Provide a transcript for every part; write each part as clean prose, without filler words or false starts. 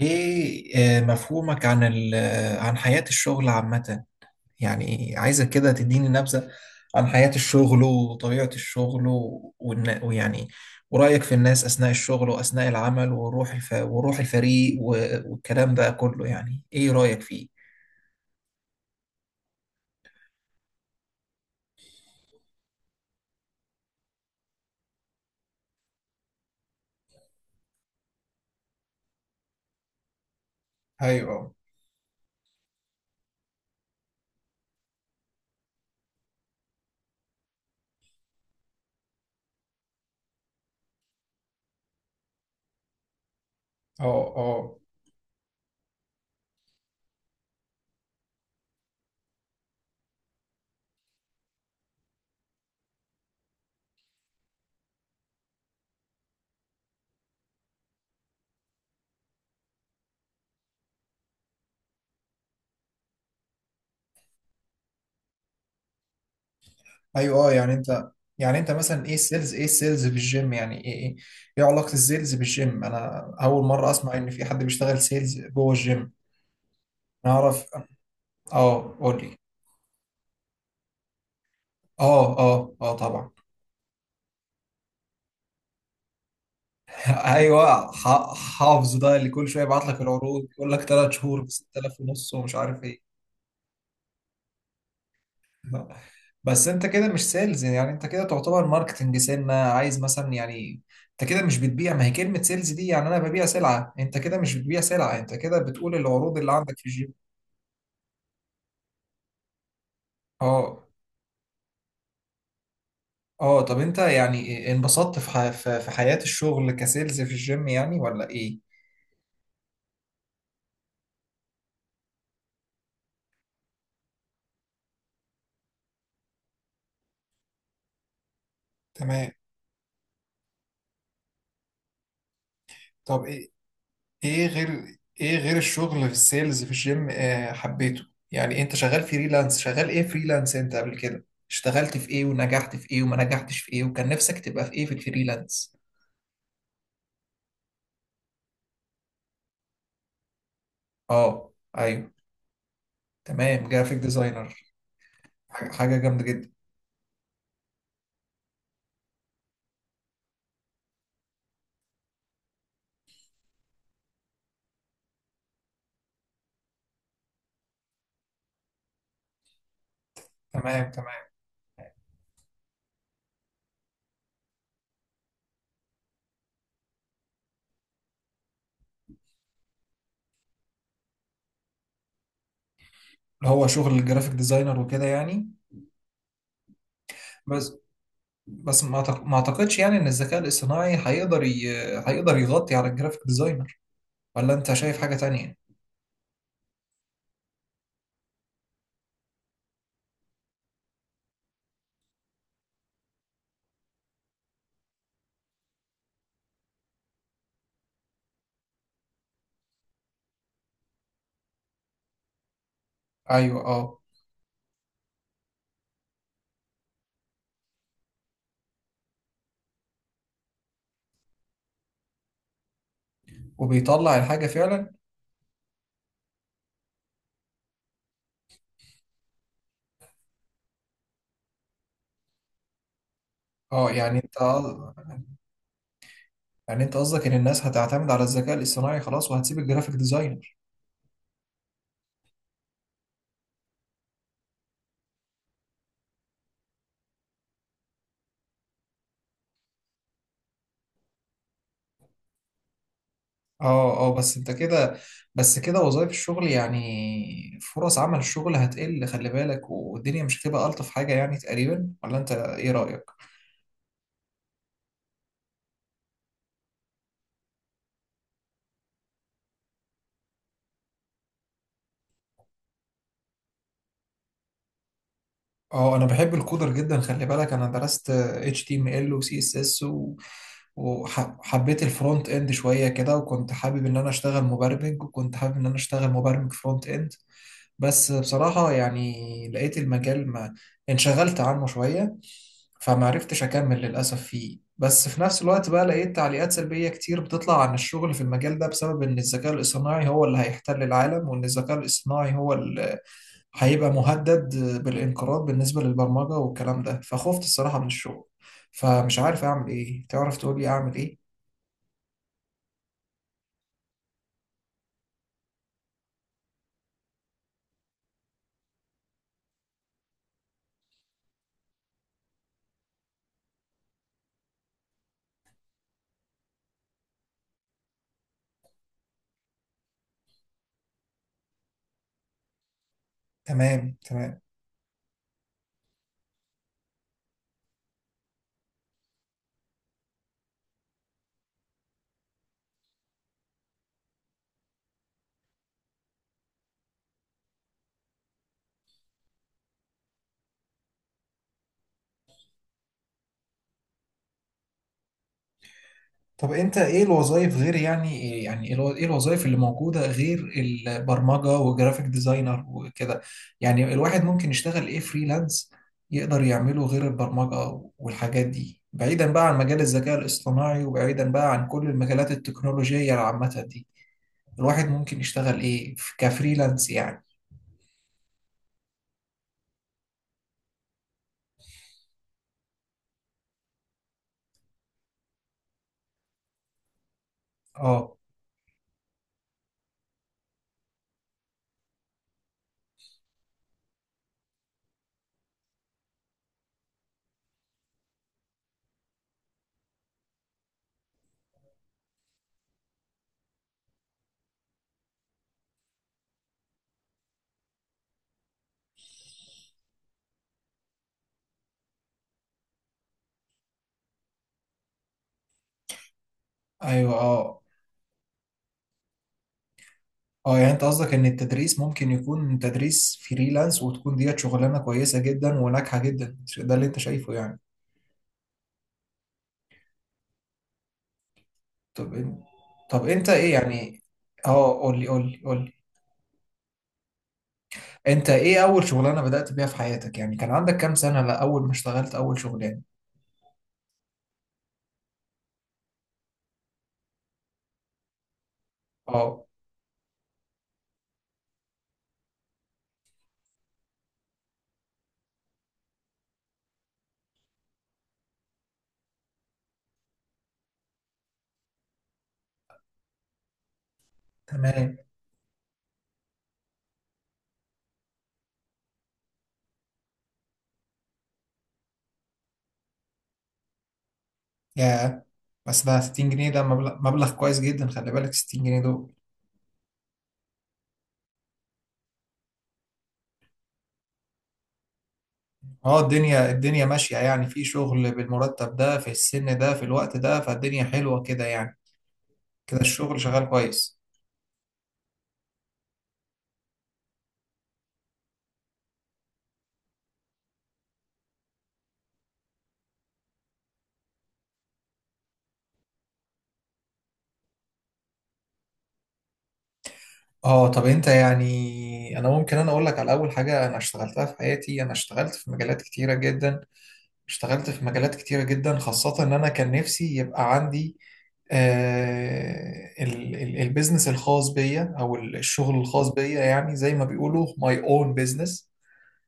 ايه آه، مفهومك عن ال آه، عن حياة الشغل عامة، يعني عايزك كده تديني نبذة عن حياة الشغل وطبيعة الشغل و- والن- ويعني ورأيك في الناس أثناء الشغل وأثناء العمل، وروح الفريق والكلام ده كله، يعني ايه رأيك فيه؟ ايوه، اه، اه، ايوه، اه. يعني انت مثلا ايه السيلز بالجيم، يعني ايه، ايه علاقة السيلز بالجيم؟ انا اول مرة اسمع ان في حد بيشتغل سيلز جوه الجيم. انا اعرف. اه قول لي. اه، اه، اه، طبعا. ايوه، حافظ ده اللي كل شويه يبعت لك العروض، يقول لك 3 شهور ب 6000 ونص ومش عارف ايه. بس انت كده مش سيلز، يعني انت كده تعتبر ماركتنج، سنه عايز مثلا يعني، انت كده مش بتبيع. ما هي كلمه سيلز دي يعني انا ببيع سلعه، انت كده مش بتبيع سلعه، انت كده بتقول العروض اللي عندك في الجيم. اه، اه. طب انت يعني انبسطت في حياه الشغل كسيلز في الجيم يعني، ولا ايه؟ تمام. طب ايه غير الشغل في السيلز في الجيم، حبيته. يعني انت شغال ايه فريلانس؟ انت قبل كده اشتغلت في ايه، ونجحت في ايه، وما نجحتش في ايه، وكان نفسك تبقى في ايه في الفريلانس؟ اه. ايوه، تمام، جرافيك ديزاينر. حاجة حاجة جامدة جدا. تمام، تمام. اللي هو شغل الجرافيك ديزاينر وكده يعني. بس بس ما اعتقدش يعني ان الذكاء الاصطناعي هيقدر يغطي على الجرافيك ديزاينر، ولا انت شايف حاجة تانية؟ ايوه، اه. وبيطلع الحاجة فعلا؟ اه. يعني انت قصدك ان الناس هتعتمد على الذكاء الاصطناعي خلاص وهتسيب الجرافيك ديزاينر؟ اه، اه. بس كده وظائف الشغل يعني، فرص عمل الشغل هتقل خلي بالك، والدنيا مش هتبقى الطف حاجة يعني تقريبا، ولا انت ايه رأيك؟ اه. انا بحب الكودر جدا، خلي بالك، انا درست HTML و CSS، و وحبيت الفرونت اند شوية كده، وكنت حابب ان انا اشتغل مبرمج، وكنت حابب ان انا اشتغل مبرمج فرونت اند. بس بصراحة يعني لقيت المجال ما انشغلت عنه شوية، فمعرفتش أكمل للأسف فيه. بس في نفس الوقت بقى لقيت تعليقات سلبية كتير بتطلع عن الشغل في المجال ده، بسبب إن الذكاء الاصطناعي هو اللي هيحتل العالم، وإن الذكاء الاصطناعي هو اللي هيبقى مهدد بالانقراض بالنسبة للبرمجة والكلام ده، فخفت الصراحة من الشغل. فمش عارف أعمل إيه، تعرف تقولي أعمل إيه؟ تمام، تمام. طب انت ايه الوظائف غير، ايه الوظائف اللي موجودة غير البرمجة وجرافيك ديزاينر وكده؟ يعني الواحد ممكن يشتغل ايه فريلانس، يقدر يعمله غير البرمجة والحاجات دي، بعيدا بقى عن مجال الذكاء الاصطناعي، وبعيدا بقى عن كل المجالات التكنولوجية العامة دي، الواحد ممكن يشتغل ايه كفريلانس يعني؟ اه، ايوه، اه، اه. يعني انت قصدك ان التدريس ممكن يكون تدريس فريلانس، وتكون ديت شغلانة كويسة جدا وناجحة جدا، ده اللي انت شايفه يعني؟ طب إن... طب انت ايه يعني؟ اه، قول لي، قول لي، قول لي. انت ايه اول شغلانه بدأت بيها في حياتك، يعني كان عندك كام سنه، لا اول ما اشتغلت اول شغلانه؟ اه، تمام. يا، بس ده 60 جنيه، ده مبلغ مبلغ كويس جدا، خلي بالك 60 جنيه دول. اه. الدنيا ماشيه يعني، في شغل بالمرتب ده في السن ده في الوقت ده، فالدنيا حلوه كده يعني، كده الشغل شغال كويس. اه. طب انت يعني، انا ممكن اقول لك على اول حاجه انا اشتغلتها في حياتي، انا اشتغلت في مجالات كتيره جدا، اشتغلت في مجالات كتيرة جدا، خاصة إن أنا كان نفسي يبقى عندي البيزنس الخاص بيا، أو الشغل الخاص بيا، يعني زي ما بيقولوا my own business.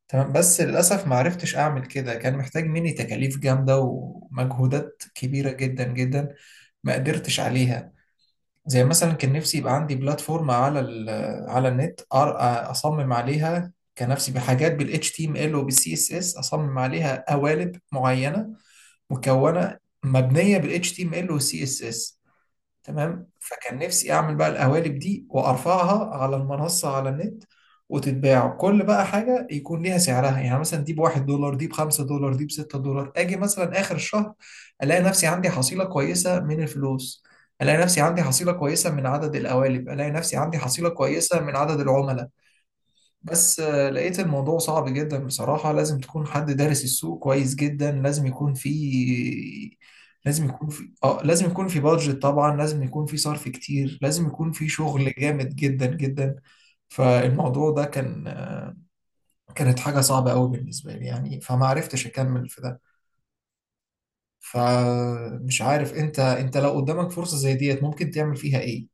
تمام. بس للأسف ما عرفتش أعمل كده، كان محتاج مني تكاليف جامدة ومجهودات كبيرة جدا جدا، ما قدرتش عليها. زي مثلا كان نفسي يبقى عندي بلاتفورم على النت، اصمم عليها. كان نفسي بحاجات بال HTML وبال CSS، اصمم عليها قوالب معينة، مكونه مبنيه بال HTML وال CSS. تمام، فكان نفسي اعمل بقى القوالب دي وارفعها على المنصه على النت، وتتباع. كل بقى حاجه يكون ليها سعرها، يعني مثلا دي ب1 دولار، دي ب5 دولار، دي ب6 دولار، اجي مثلا اخر الشهر الاقي نفسي عندي حصيله كويسه من الفلوس، الاقي نفسي عندي حصيله كويسه من عدد القوالب، الاقي نفسي عندي حصيله كويسه من عدد العملاء. بس لقيت الموضوع صعب جدا بصراحة، لازم تكون حد دارس السوق كويس جدا، لازم يكون في بادجت طبعا، لازم يكون في صرف كتير، لازم يكون في شغل جامد جدا جدا. فالموضوع ده كانت حاجة صعبة قوي بالنسبة لي يعني، فما عرفتش أكمل في ده. فمش عارف، انت لو قدامك فرصة زي ديت، ممكن تعمل فيها ايه؟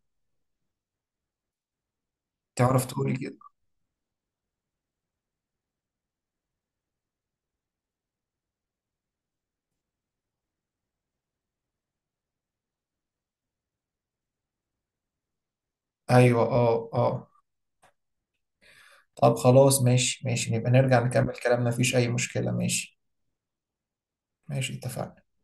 تعرف تقولي كده. ايوه، اه، اه. طب خلاص، ماشي، ماشي، نبقى نرجع نكمل كلامنا، مفيش اي مشكلة. ماشي، ماشي، اتفقنا.